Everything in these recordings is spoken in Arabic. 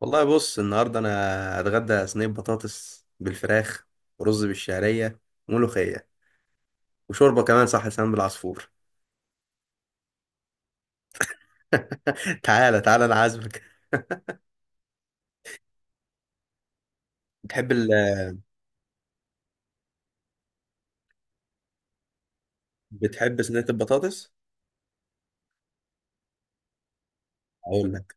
والله، بص النهارده انا هتغدى صينيه بطاطس بالفراخ ورز بالشعريه وملوخيه وشوربه كمان، صح، لسان بالعصفور. تعالى تعالى، انا عازمك. بتحب ال... بتحب صينيه البطاطس؟ هقول لك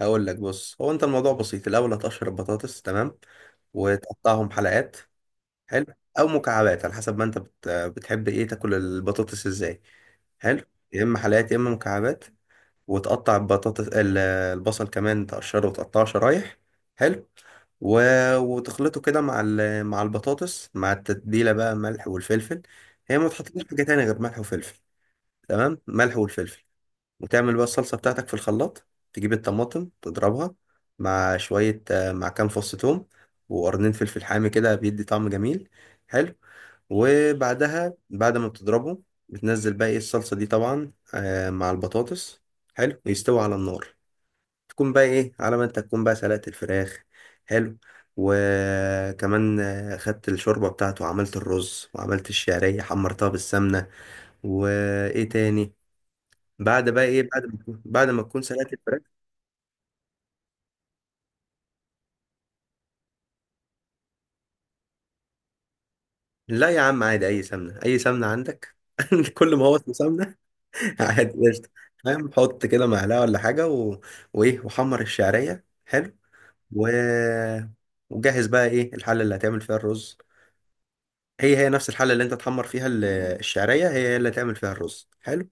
هقول لك بص، هو انت الموضوع بسيط. الاول هتقشر البطاطس، تمام، وتقطعهم حلقات. حلو. او مكعبات على حسب ما انت بتحب ايه، تاكل البطاطس ازاي؟ حلو. يا اما حلقات يا اما مكعبات. وتقطع البصل كمان، تقشره وتقطعه شرايح. حلو. و... وتخلطه كده مع البطاطس، مع التتبيلة بقى، ملح والفلفل. هي ما تحطلوش حاجة تانية غير ملح وفلفل. تمام، ملح والفلفل. وتعمل بقى الصلصة بتاعتك في الخلاط. تجيب الطماطم تضربها مع شوية مع كام فص ثوم وقرنين فلفل حامي، كده بيدي طعم جميل. حلو. وبعدها بعد ما بتضربه، بتنزل بقى ايه الصلصة دي طبعا مع البطاطس. حلو، ويستوي على النار. تكون بقى ايه، على ما انت تكون بقى سلقت الفراخ. حلو. وكمان خدت الشوربة بتاعته، وعملت الرز، وعملت الشعرية حمرتها بالسمنة. وايه تاني؟ بعد بقى ايه، بعد ما بعد ما تكون سلقت الفراخ. لا يا عم، عادي، اي سمنة، اي سمنة عندك، كل ما هو اسمه سمنة. عادي، قشطة. فاهم، حط كده معلقة ولا حاجة، وإيه، وحمر الشعرية. حلو. و... وجهز بقى إيه الحلة اللي هتعمل فيها الرز. هي هي نفس الحلة اللي أنت تحمر فيها الشعرية، هي هي اللي هتعمل فيها الرز. حلو.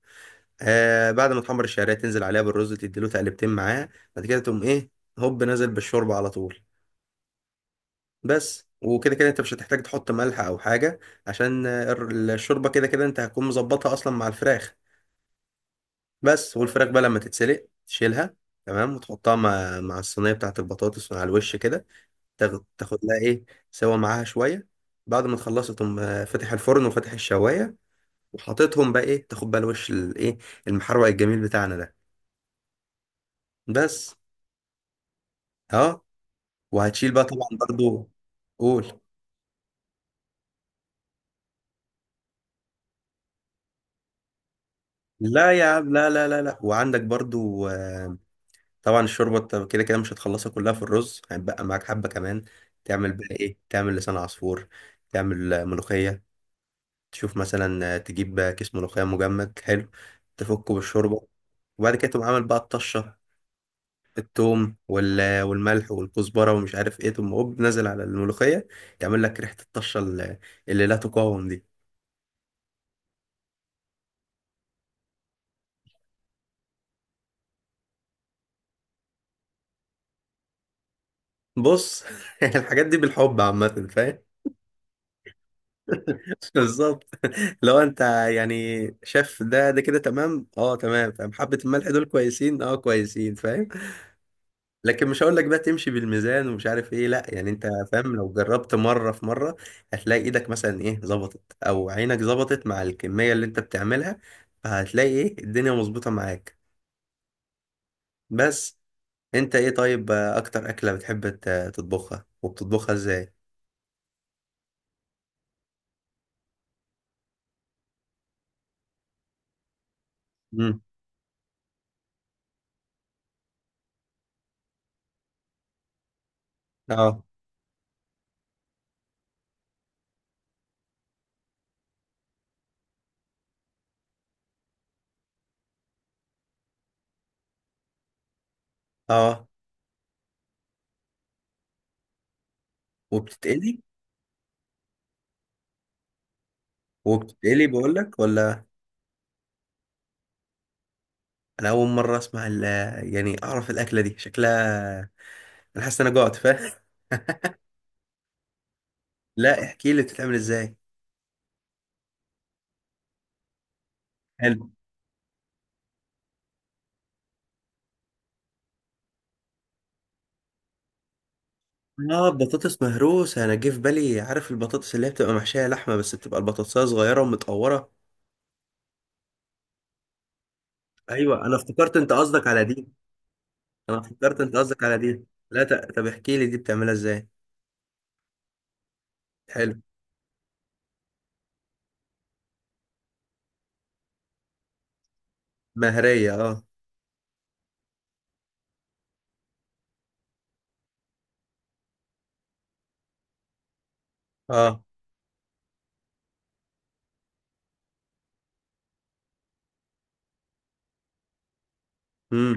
آه، بعد ما تحمر الشعرية تنزل عليها بالرز، تديله تقلبتين معاه. بعد كده تقوم إيه؟ هوب نازل بالشوربة على طول. بس. وكده كده أنت مش هتحتاج تحط ملح أو حاجة، عشان الشوربة كده كده أنت هتكون مظبطها أصلا مع الفراخ. بس. والفراخ بقى لما تتسلق تشيلها، تمام، وتحطها مع مع الصينيه بتاعت البطاطس على الوش كده. تاخد تاخد لها ايه، سوا معاها شويه. بعد ما تخلصها تقوم فاتح الفرن وفاتح الشوايه، وحاططهم بقى ايه، تاخد بقى الوش الايه، المحروق الجميل بتاعنا ده. بس. اه، وهتشيل بقى طبعا برضو. قول. لا يا عم، لا لا لا لا، وعندك برضو طبعا الشوربه أنت كده كده مش هتخلصها كلها في الرز، هيبقى معاك حبه كمان. تعمل بقى ايه، تعمل لسان عصفور. تعمل ملوخيه. تشوف مثلا تجيب كيس ملوخية مجمد. حلو. تفكه بالشوربة. وبعد كده تقوم عامل بقى الطشة، التوم والملح والكزبرة ومش عارف ايه، تقوم هوب نازل على الملوخية، يعمل لك ريحة الطشة اللي لا تقاوم دي. بص. الحاجات دي بالحب عامة، فاهم. بالظبط. لو انت يعني شاف ده، ده كده تمام، اه تمام، فاهم، حبة الملح دول كويسين، اه كويسين، فاهم. لكن مش هقول لك بقى تمشي بالميزان ومش عارف ايه، لا يعني انت فاهم، لو جربت مره في مره هتلاقي ايدك مثلا ايه ظبطت، او عينك ظبطت مع الكميه اللي انت بتعملها، فهتلاقي ايه الدنيا مظبوطه معاك. بس. انت ايه، طيب اكتر اكله بتحب تطبخها، وبتطبخها ازاي؟ امم اه. اه، وبتتقلي. وبتتقلي بقول لك ولا؟ انا اول مره اسمع يعني اعرف الاكله دي شكلها. انا حاسس ان انا جوعت، فاهم. لا احكي لي بتتعمل ازاي. اه، بطاطس مهروسة، انا جه في بالي، عارف البطاطس اللي هي بتبقى محشية لحمة بس بتبقى البطاطساية صغيرة ومتقورة. ايوه، انا افتكرت انت قصدك على دي انا افتكرت انت قصدك على دي لا ت- طب احكي لي دي بتعملها ازاي؟ حلو، مهرية، اه. اه. امم.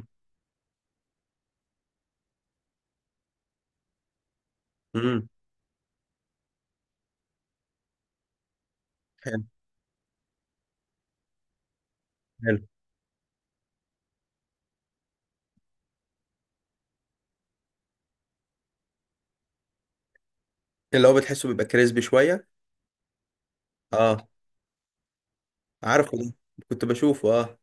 امم. حلو. حلو. اللي هو بتحسه بيبقى كريسبي شوية. اه، عارفه ده، كنت بشوفه. اه.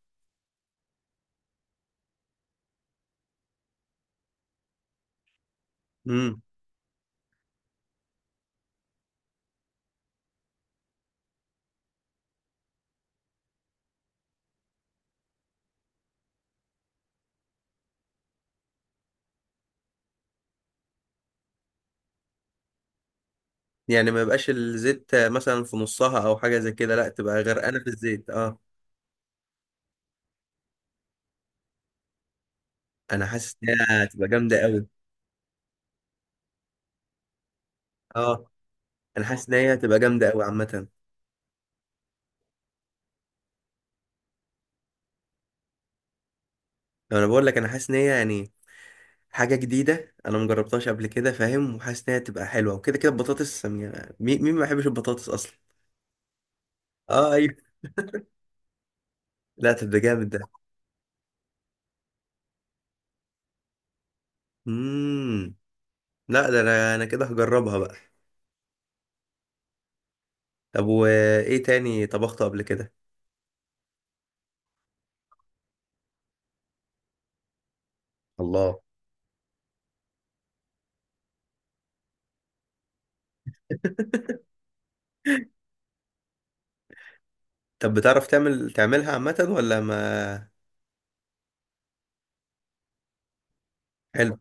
امم. يعني ما يبقاش الزيت مثلا في نصها او حاجة زي كده، لا تبقى غرقانة في الزيت. اه. انا حاسس انها هتبقى جامدة قوي. اه، انا حاسس ان هي هتبقى جامده قوي عامه. انا بقول لك، انا حاسس ان هي يعني حاجه جديده، انا مجربتهاش قبل كده، فاهم، وحاسس ان هي هتبقى حلوه، وكده كده البطاطس، يعني مين مين ما بيحبش البطاطس اصلا؟ اه ايوه. لا تبقى جامد ده. امم. لا ده، انا كده هجربها بقى. طب وايه تاني طبخته قبل كده؟ الله. طب بتعرف تعمل تعملها عامه ولا ما؟ حلو،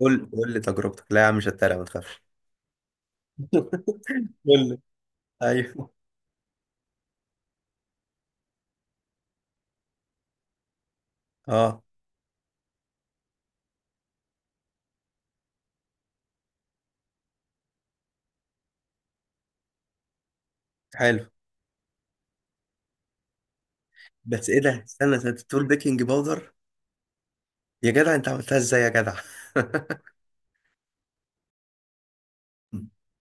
قول، قول لي تجربتك، لا يا عم مش هتريق، ما تخافش. قول لي. ايوه. اه. حلو. بس ايه ده، استنى، انت بتقول بيكنج باودر؟ يا جدع انت عملتها ازاي يا جدع؟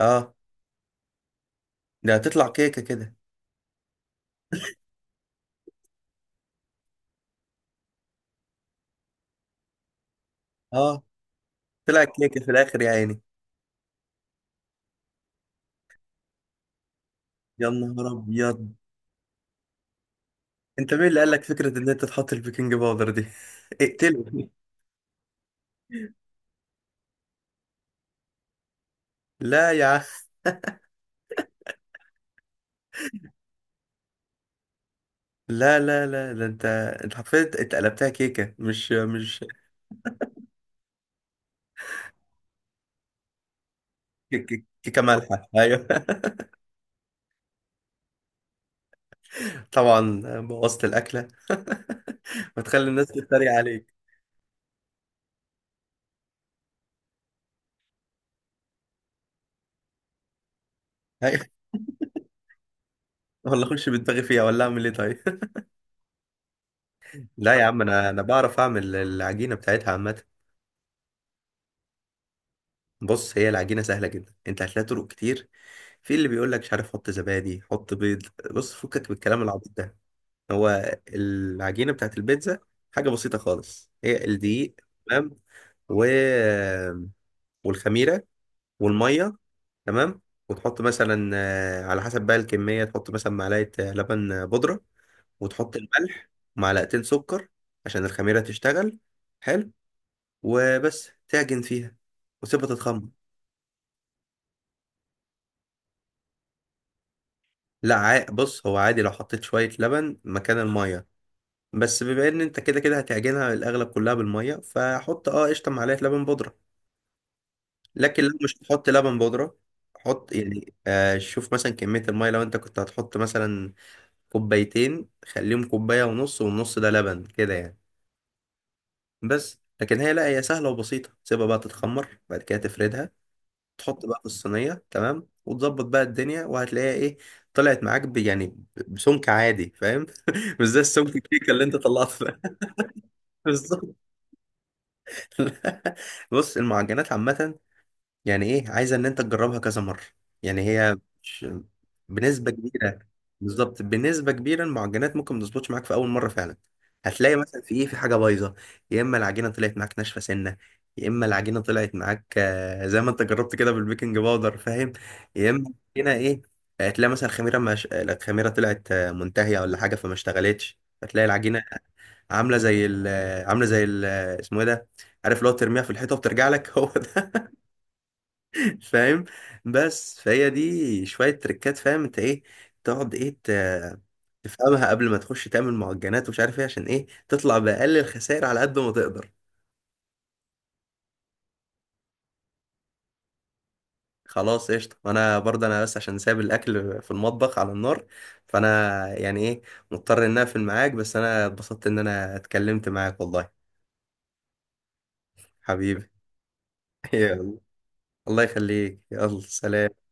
اه، ده هتطلع كيكه كده. اه، طلعت كيكه في الاخر يا عيني. يا نهار ابيض. انت مين اللي قال لك فكره ان انت تحط البيكنج باودر دي؟ اقتله. لا يا عم، لا لا لا، ده انت، انت حرفيا اتقلبتها كيكه، مش كيكه مالحه، ايوه. طبعا بوظت الاكله. بتخلي الناس تتريق عليك. ايوه، والله اخش بدماغي فيها ولا اعمل ايه طيب؟ لا يا عم، انا بعرف اعمل العجينه بتاعتها عامه. بص، هي العجينه سهله جدا، انت هتلاقي طرق كتير. في اللي بيقول لك مش عارف، حط زبادي، حط بيض، بص فكك من الكلام العبيط ده. هو العجينه بتاعت البيتزا حاجه بسيطه خالص، هي الدقيق، تمام، و... والخميره والميه. تمام. وتحط مثلا على حسب بقى الكميه، تحط مثلا معلقه لبن بودره، وتحط الملح ومعلقتين سكر عشان الخميره تشتغل. حلو. وبس، تعجن فيها وتسيبها تتخمر. لا عا- بص، هو عادي لو حطيت شوية لبن مكان المية، بس بما ان انت كده كده هتعجنها الاغلب كلها بالمية، فحط اه قشطة معلقة لبن بودرة. لكن لو مش هتحط لبن بودرة، حط يعني آه، شوف مثلا كمية المية، لو انت كنت هتحط مثلا كوبايتين، خليهم كوباية ونص، والنص ده لبن كده يعني. بس، لكن هي، لا هي سهلة وبسيطة. تسيبها بقى تتخمر، بعد كده تفردها، تحط بقى في الصينية، تمام، وتظبط بقى الدنيا، وهتلاقيها ايه، طلعت معاك يعني بسمك عادي، فاهم. مش زي السمك الكيكة اللي انت طلعته ده. بالظبط. بص، المعجنات عامة يعني ايه، عايزه ان انت تجربها كذا مره. يعني هي مش بنسبه كبيره، بالظبط بنسبه كبيره المعجنات ممكن ما تظبطش معاك في اول مره فعلا. هتلاقي مثلا في ايه، في حاجه بايظه. يا اما العجينه طلعت معاك ناشفه سنه، يا اما العجينه طلعت معاك زي ما انت جربت كده بالبيكنج باودر، فاهم. يا اما هنا ايه، تلاقي مثلا خميره مش... الخميره طلعت منتهيه ولا حاجه، فما اشتغلتش، فتلاقي العجينه عامله زي ال... اسمه ايه ده، عارف، لو ترميها في الحيطه وبترجع لك، هو ده. فاهم. بس، فهي دي شوية تريكات، فاهم، انت ايه تقعد تفهمها قبل ما تخش تعمل معجنات ومش عارف ايه، عشان ايه، تطلع بأقل الخسائر على قد ما تقدر. خلاص، قشطة، وانا برضه انا بس عشان سايب الاكل في المطبخ على النار، فانا يعني ايه، مضطر ان اقفل معاك، بس انا اتبسطت ان اتكلمت معاك والله. حبيبي. يلا، الله يخليك، يلا سلام.